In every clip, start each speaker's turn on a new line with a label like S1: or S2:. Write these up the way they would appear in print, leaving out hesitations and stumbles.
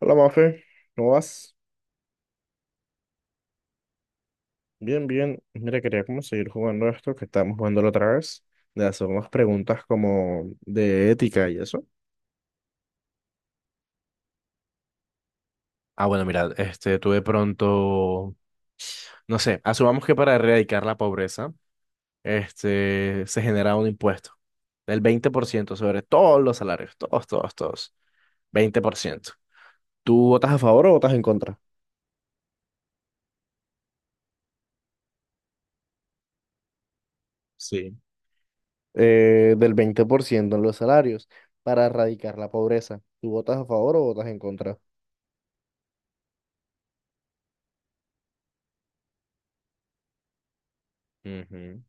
S1: Hola, Mafe, ¿cómo vas? Bien, bien. Mira, quería como seguir jugando esto que estábamos jugando la otra vez, de hacer unas preguntas como de ética y eso. Ah, bueno, mira, tú de pronto, no sé, asumamos que para erradicar la pobreza, se genera un impuesto del 20% sobre todos los salarios, todos, todos, todos, 20%. ¿Tú votas a favor o votas en contra? Sí. Del 20% en los salarios para erradicar la pobreza. ¿Tú votas a favor o votas en contra? Ujú.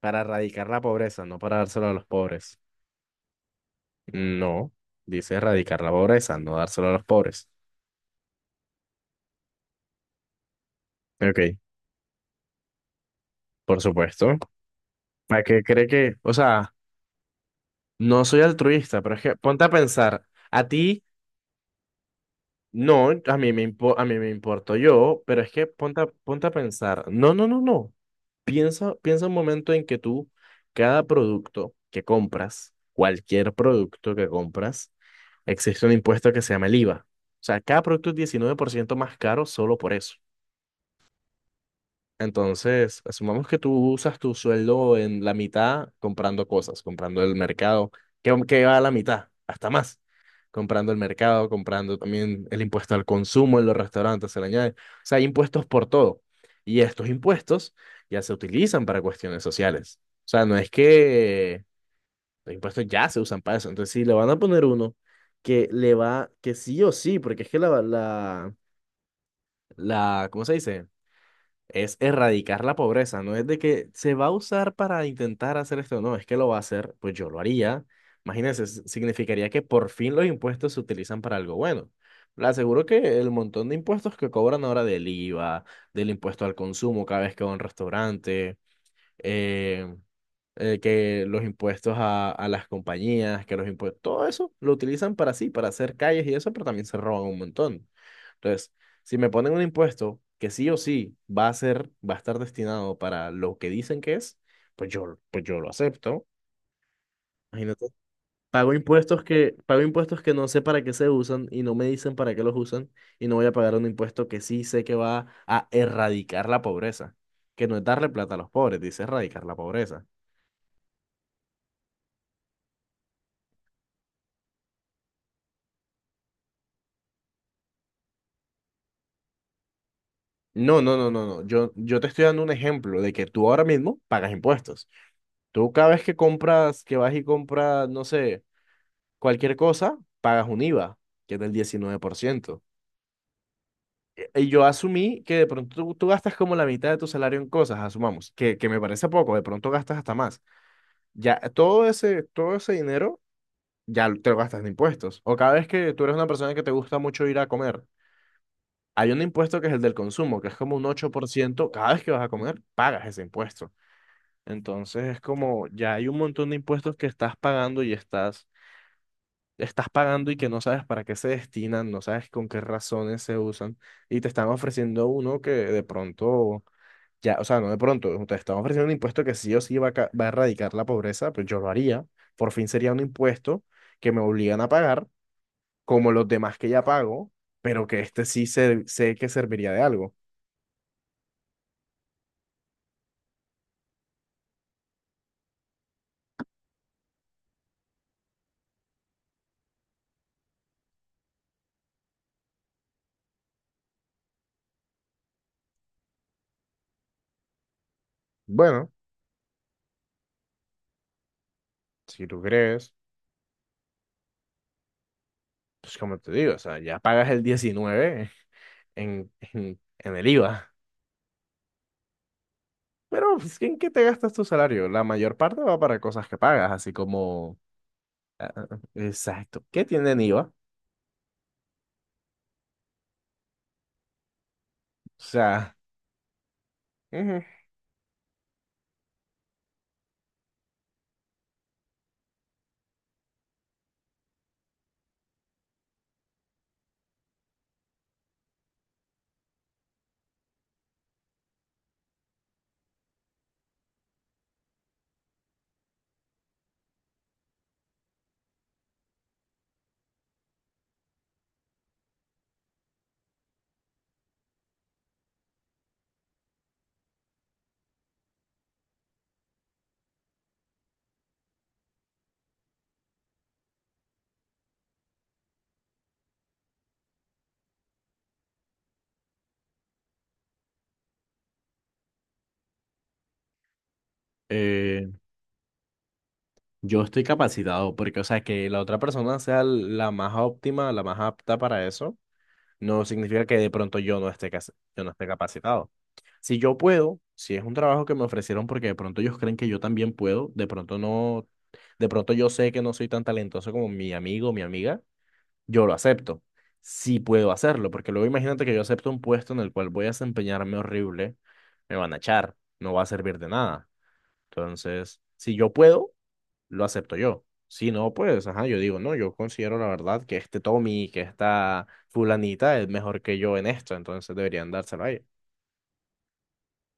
S1: Para erradicar la pobreza, no para dárselo a los pobres. No, dice erradicar la pobreza, no dárselo a los pobres. Ok, por supuesto. ¿A qué cree que? O sea, no soy altruista, pero es que ponte a pensar, a ti no, a mí me importo yo, pero es que ponte a pensar, no, no, no, no. Piensa, piensa un momento en que tú, cada producto que compras, cualquier producto que compras, existe un impuesto que se llama el IVA. O sea, cada producto es 19% más caro solo por eso. Entonces, asumamos que tú usas tu sueldo en la mitad comprando cosas, comprando el mercado, que va a la mitad, hasta más, comprando el mercado, comprando también el impuesto al consumo en los restaurantes, se le añade. O sea, hay impuestos por todo. Y estos impuestos ya se utilizan para cuestiones sociales. O sea, no es que los impuestos ya se usan para eso. Entonces, si le van a poner uno que le va, que sí o sí, porque es que la, ¿cómo se dice? Es erradicar la pobreza, no es de que se va a usar para intentar hacer esto, no, es que lo va a hacer, pues yo lo haría. Imagínense, significaría que por fin los impuestos se utilizan para algo bueno. Le aseguro que el montón de impuestos que cobran ahora del IVA, del impuesto al consumo cada vez que va a un restaurante, eh, que los impuestos a las compañías, que los impuestos, todo eso lo utilizan para sí, para hacer calles y eso, pero también se roban un montón. Entonces, si me ponen un impuesto que sí o sí va a ser, va a estar destinado para lo que dicen que es, pues yo lo acepto. Imagínate. Pago impuestos que no sé para qué se usan y no me dicen para qué los usan y no voy a pagar un impuesto que sí sé que va a erradicar la pobreza, que no es darle plata a los pobres, dice erradicar la pobreza. No, no, no, no, no. Yo te estoy dando un ejemplo de que tú ahora mismo pagas impuestos. Tú cada vez que compras, que vas y compras, no sé, cualquier cosa, pagas un IVA, que es del 19%. Y yo asumí que de pronto tú gastas como la mitad de tu salario en cosas, asumamos, que me parece poco, de pronto gastas hasta más. Ya todo ese dinero ya te lo gastas en impuestos. O cada vez que tú eres una persona que te gusta mucho ir a comer, hay un impuesto que es el del consumo, que es como un 8%. Cada vez que vas a comer, pagas ese impuesto. Entonces es como ya hay un montón de impuestos que estás pagando y estás pagando y que no sabes para qué se destinan, no sabes con qué razones se usan y te están ofreciendo uno que de pronto, ya, o sea, no de pronto, te están ofreciendo un impuesto que sí o sí va a erradicar la pobreza, pues yo lo haría. Por fin sería un impuesto que me obligan a pagar como los demás que ya pago, pero que este sí sé que serviría de algo. Bueno, si tú crees. Pues como te digo, o sea, ya pagas el 19 en el IVA. Pero, pues, ¿en qué te gastas tu salario? La mayor parte va para cosas que pagas, así como. Exacto. ¿Qué tienen IVA? O sea, ujú. Eh, yo estoy capacitado porque, o sea, que la otra persona sea la más óptima, la más apta para eso, no significa que de pronto yo no esté capacitado. Si yo puedo, si es un trabajo que me ofrecieron porque de pronto ellos creen que yo también puedo, de pronto no, de pronto yo sé que no soy tan talentoso como mi amigo o mi amiga, yo lo acepto. Sí puedo hacerlo, porque luego imagínate que yo acepto un puesto en el cual voy a desempeñarme horrible, me van a echar, no va a servir de nada. Entonces, si yo puedo, lo acepto yo. Si no, pues, ajá, yo digo, no, yo considero la verdad que este Tommy, que esta fulanita es mejor que yo en esto, entonces deberían dárselo a ella.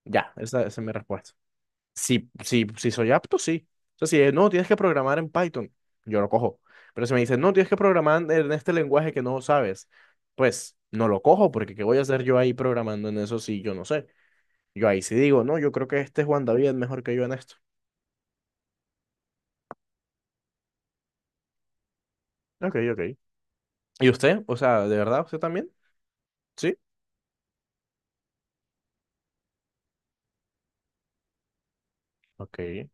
S1: Ya, esa es mi respuesta. Si soy apto, sí. O sea, si es, no, tienes que programar en Python, yo lo cojo. Pero si me dicen, no, tienes que programar en este lenguaje que no sabes, pues no lo cojo, porque ¿qué voy a hacer yo ahí programando en eso si yo no sé? Yo ahí sí digo, no, yo creo que este Juan David es mejor que yo en esto. Ok, ok. ¿Y usted? O sea, ¿de verdad usted también? Sí. Ok.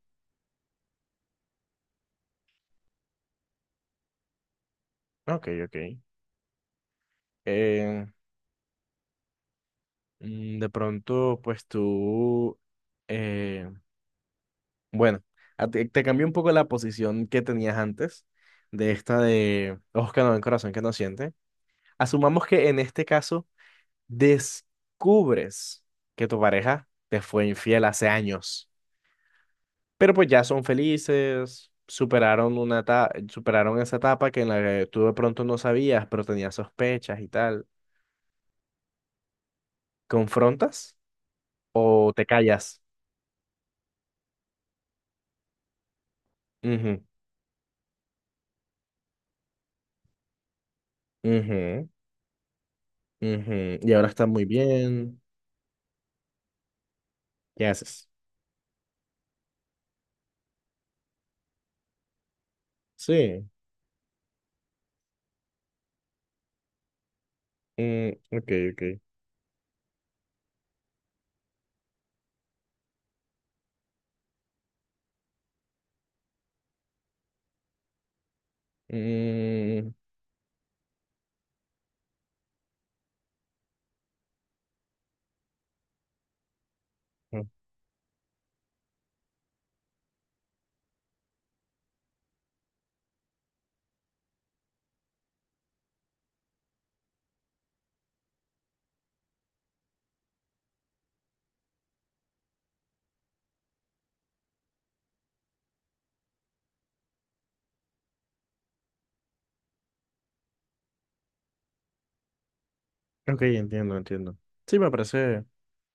S1: Ok, ok. Eh, de pronto, pues tú, eh, bueno, te cambió un poco la posición que tenías antes de esta de ojos que no ven, corazón que no siente. Asumamos que en este caso descubres que tu pareja te fue infiel hace años, pero pues ya son felices, superaron esa etapa que en la que tú de pronto no sabías, pero tenías sospechas y tal. ¿Confrontas o te callas? Ujú, ujú. Y ahora está muy bien. ¿Qué haces? Sí. Mm, ok, ok. Mm, ok, entiendo, entiendo. Sí, me parece,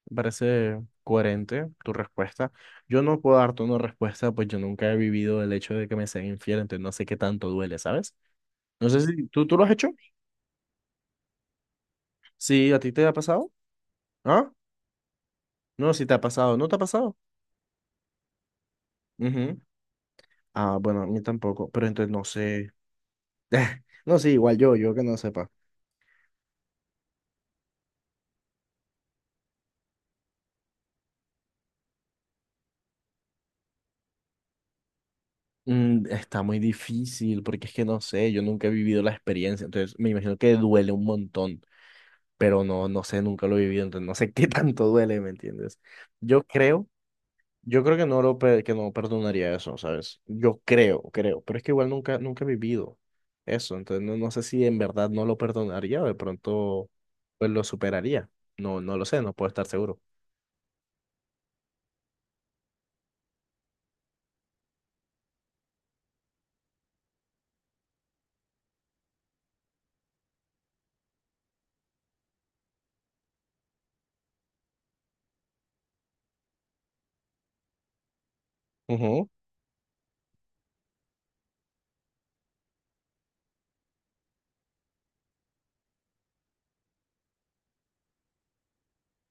S1: me parece coherente tu respuesta. Yo no puedo darte una respuesta, pues yo nunca he vivido el hecho de que me sean infiel, entonces no sé qué tanto duele, ¿sabes? No sé si tú lo has hecho. Sí, ¿a ti te ha pasado? ¿Ah? No, si te ha pasado, ¿no te ha pasado? Ujú. Ah, bueno, a mí tampoco, pero entonces no sé. No sé, igual yo que no sepa. Está muy difícil porque es que no sé, yo nunca he vivido la experiencia, entonces me imagino que duele un montón, pero no sé, nunca lo he vivido, entonces no sé qué tanto duele, ¿me entiendes? Yo creo, yo creo que que no perdonaría eso, ¿sabes? Yo creo, pero es que igual nunca, nunca he vivido eso, entonces no sé si en verdad no lo perdonaría o de pronto pues lo superaría, no lo sé, no puedo estar seguro. Ujú,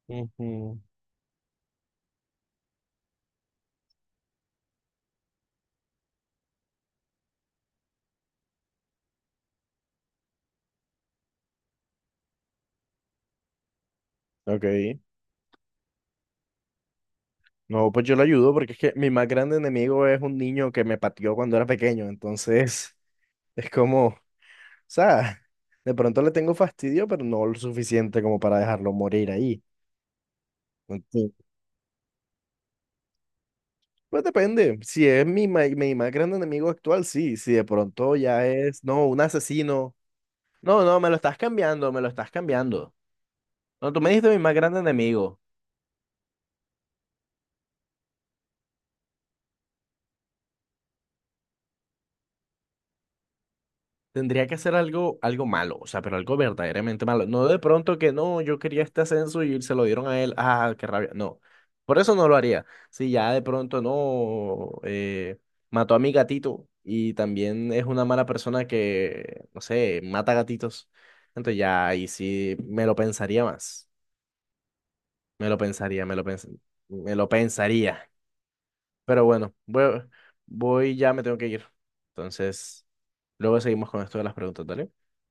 S1: ujú. Ok. No, pues yo lo ayudo porque es que mi más grande enemigo es un niño que me pateó cuando era pequeño, entonces es como, o sea, de pronto le tengo fastidio, pero no lo suficiente como para dejarlo morir ahí. Entonces, pues depende, si es mi más grande enemigo actual, sí, si de pronto ya es, no, un asesino. No, no, me lo estás cambiando, me lo estás cambiando. No, tú me dijiste mi más grande enemigo. Tendría que hacer algo, algo malo, o sea, pero algo verdaderamente malo. No de pronto que no, yo quería este ascenso y se lo dieron a él. Ah, qué rabia. No, por eso no lo haría. Si ya de pronto no, mató a mi gatito y también es una mala persona que, no sé, mata gatitos. Entonces ya ahí sí me lo pensaría más. Me lo pensaría, me lo pensaría. Pero bueno, voy, ya me tengo que ir. Entonces, luego seguimos con esto de las preguntas, ¿dale?